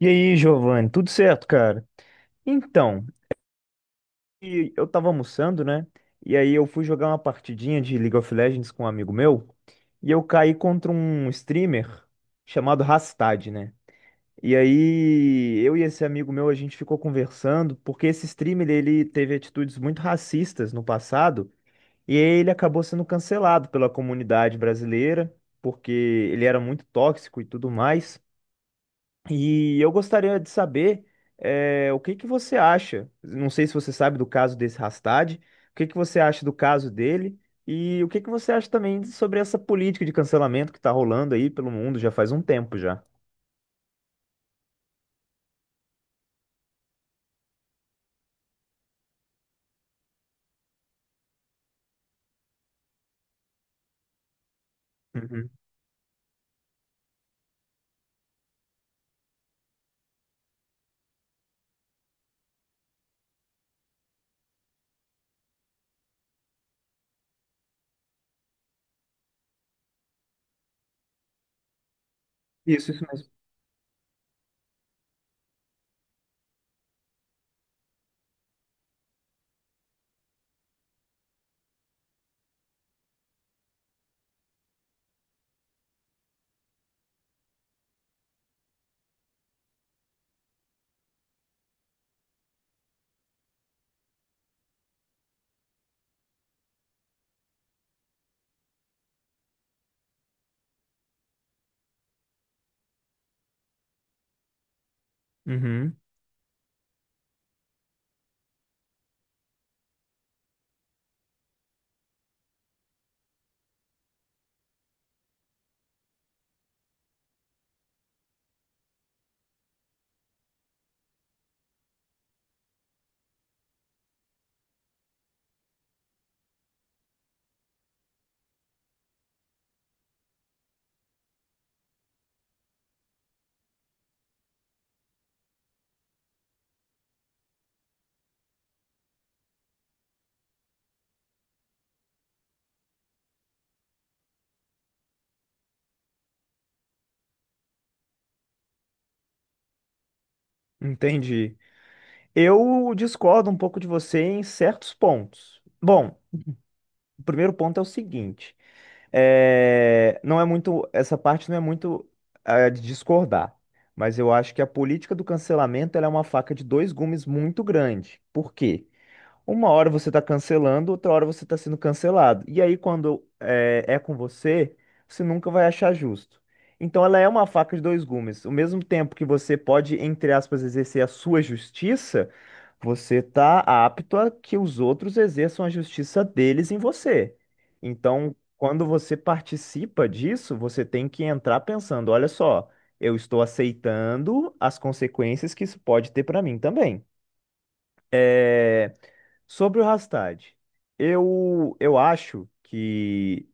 E aí, Giovanni, tudo certo, cara? Então, eu tava almoçando, né? E aí eu fui jogar uma partidinha de League of Legends com um amigo meu, e eu caí contra um streamer chamado Rastad, né? E aí eu e esse amigo meu, a gente ficou conversando, porque esse streamer, ele teve atitudes muito racistas no passado, e ele acabou sendo cancelado pela comunidade brasileira, porque ele era muito tóxico e tudo mais. E eu gostaria de saber, o que que você acha? Não sei se você sabe do caso desse Hastad, o que que você acha do caso dele e o que que você acha também sobre essa política de cancelamento que está rolando aí pelo mundo já faz um tempo já. Uhum. Isso mesmo. Uhum, entendi. Eu discordo um pouco de você em certos pontos. Bom, o primeiro ponto é o seguinte. É, não é muito, essa parte não é muito de discordar, mas eu acho que a política do cancelamento ela é uma faca de dois gumes muito grande. Por quê? Uma hora você está cancelando, outra hora você está sendo cancelado. E aí, quando é com você, você nunca vai achar justo. Então, ela é uma faca de dois gumes. Ao mesmo tempo que você pode, entre aspas, exercer a sua justiça, você está apto a que os outros exerçam a justiça deles em você. Então, quando você participa disso, você tem que entrar pensando: olha só, eu estou aceitando as consequências que isso pode ter para mim também. Sobre o Hastad, eu acho que,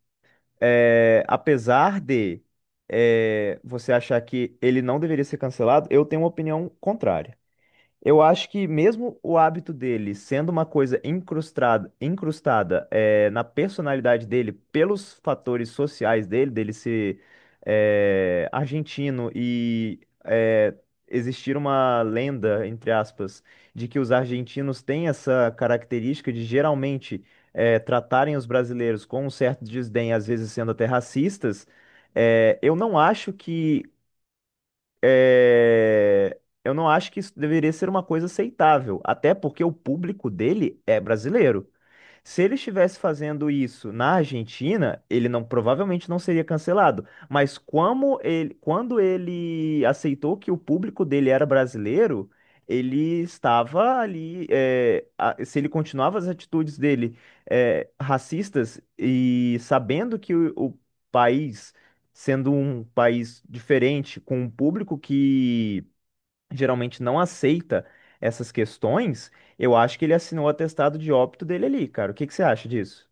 apesar de você achar que ele não deveria ser cancelado, eu tenho uma opinião contrária. Eu acho que mesmo o hábito dele sendo uma coisa incrustada na personalidade dele, pelos fatores sociais dele, dele ser argentino e existir uma lenda, entre aspas, de que os argentinos têm essa característica de geralmente tratarem os brasileiros com um certo desdém, às vezes sendo até racistas, eu não acho que é, eu não acho que isso deveria ser uma coisa aceitável, até porque o público dele é brasileiro. Se ele estivesse fazendo isso na Argentina, ele não provavelmente não seria cancelado. Mas como ele, quando ele aceitou que o público dele era brasileiro, ele estava ali. É, a- se ele continuava as atitudes dele racistas e sabendo que o país sendo um país diferente, com um público que geralmente não aceita essas questões, eu acho que ele assinou o atestado de óbito dele ali, cara. O que que você acha disso?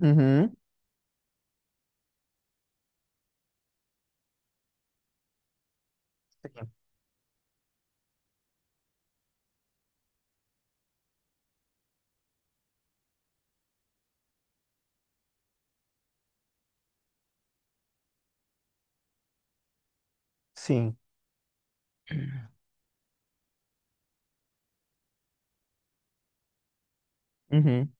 Uhum. Sim. Uhum.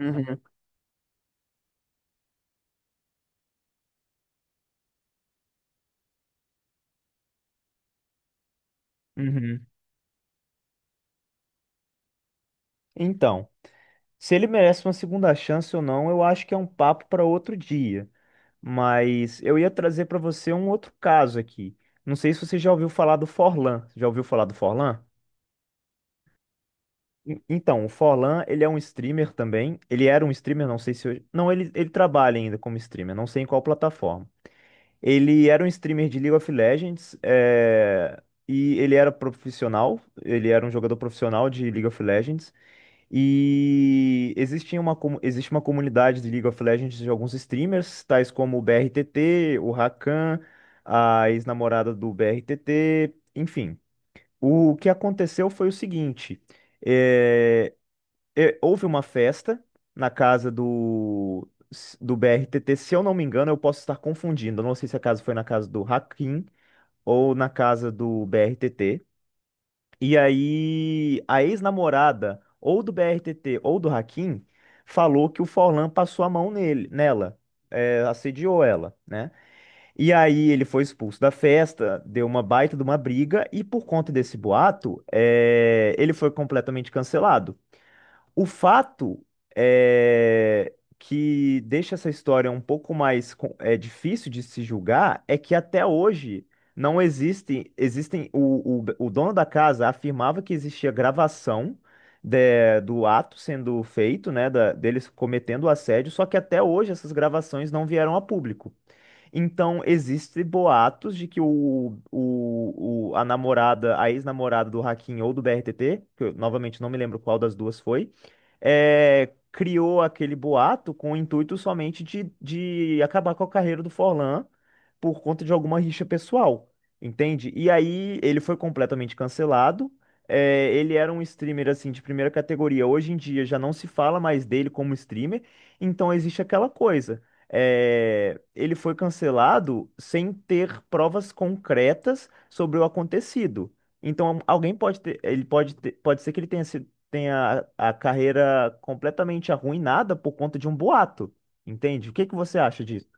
Uhum. Uhum. Então, se ele merece uma segunda chance ou não, eu acho que é um papo para outro dia. Mas eu ia trazer para você um outro caso aqui. Não sei se você já ouviu falar do Forlan. Já ouviu falar do Forlan? Então, o Forlan, ele é um streamer também. Ele era um streamer, não sei se hoje. Não, ele trabalha ainda como streamer, não sei em qual plataforma. Ele era um streamer de League of Legends, é, e ele era profissional, ele era um jogador profissional de League of Legends. E existia uma, existe uma comunidade de League of Legends de alguns streamers, tais como o BRTT, o Rakan, a ex-namorada do BRTT, enfim. O que aconteceu foi o seguinte. eh, houve uma festa na casa do BRTT, se eu não me engano, eu posso estar confundindo. Eu não sei se a casa foi na casa do Hakim ou na casa do BRTT. E aí, a ex-namorada ou do BRTT ou do Hakim falou que o Forlan passou a mão nela, é, assediou ela, né? E aí ele foi expulso da festa, deu uma baita de uma briga e por conta desse boato, é, ele foi completamente cancelado. O fato é que deixa essa história um pouco mais difícil de se julgar é que até hoje não existem o dono da casa afirmava que existia gravação do ato sendo feito, né, deles cometendo o assédio, só que até hoje essas gravações não vieram a público. Então, existem boatos de que a namorada, a ex-namorada do Hakim ou do BRTT, que eu novamente não me lembro qual das duas foi, é, criou aquele boato com o intuito somente de acabar com a carreira do Forlan por conta de alguma rixa pessoal, entende? E aí ele foi completamente cancelado. É, ele era um streamer assim de primeira categoria. Hoje em dia já não se fala mais dele como streamer, então existe aquela coisa. É, ele foi cancelado sem ter provas concretas sobre o acontecido. Então, alguém pode ter, ele pode ser que ele tenha sido tem a carreira completamente arruinada por conta de um boato. Entende? O que que você acha disso?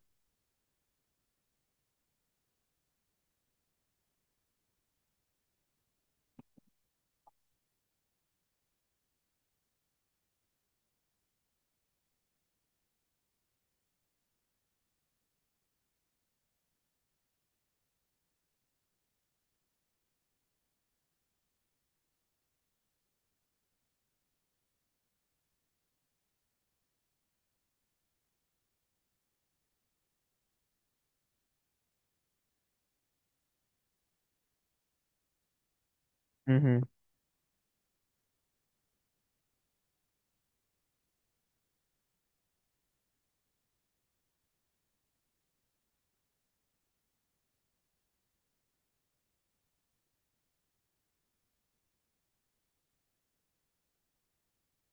Uhum.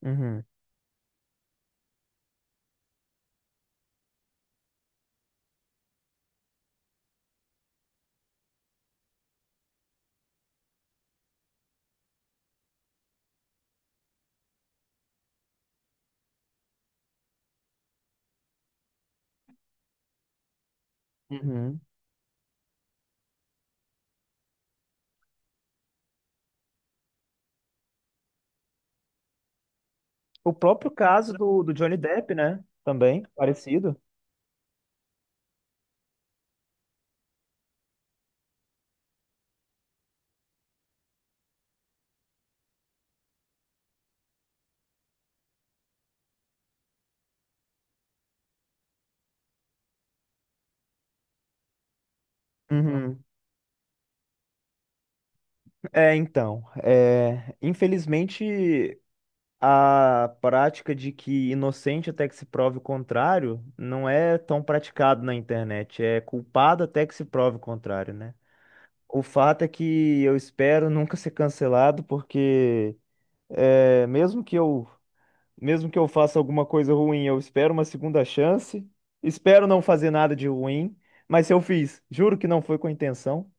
Uhum. Uhum. O próprio caso do, do Johnny Depp, né? Também, parecido. Uhum. É, então, é, infelizmente a prática de que inocente até que se prove o contrário não é tão praticado na internet, é culpado até que se prove o contrário, né? O fato é que eu espero nunca ser cancelado porque é, mesmo que eu faça alguma coisa ruim, eu espero uma segunda chance. Espero não fazer nada de ruim, mas se eu fiz, juro que não foi com intenção.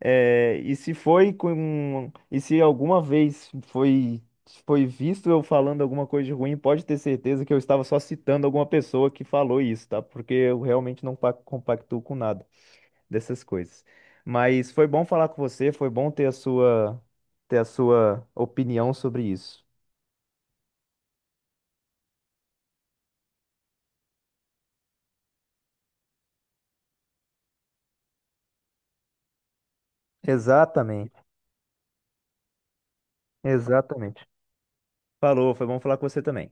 É, e se foi com, e se alguma vez foi foi visto eu falando alguma coisa de ruim, pode ter certeza que eu estava só citando alguma pessoa que falou isso, tá? Porque eu realmente não compactuo com nada dessas coisas. Mas foi bom falar com você, foi bom ter a sua opinião sobre isso. Exatamente, exatamente. Falou, foi bom falar com você também.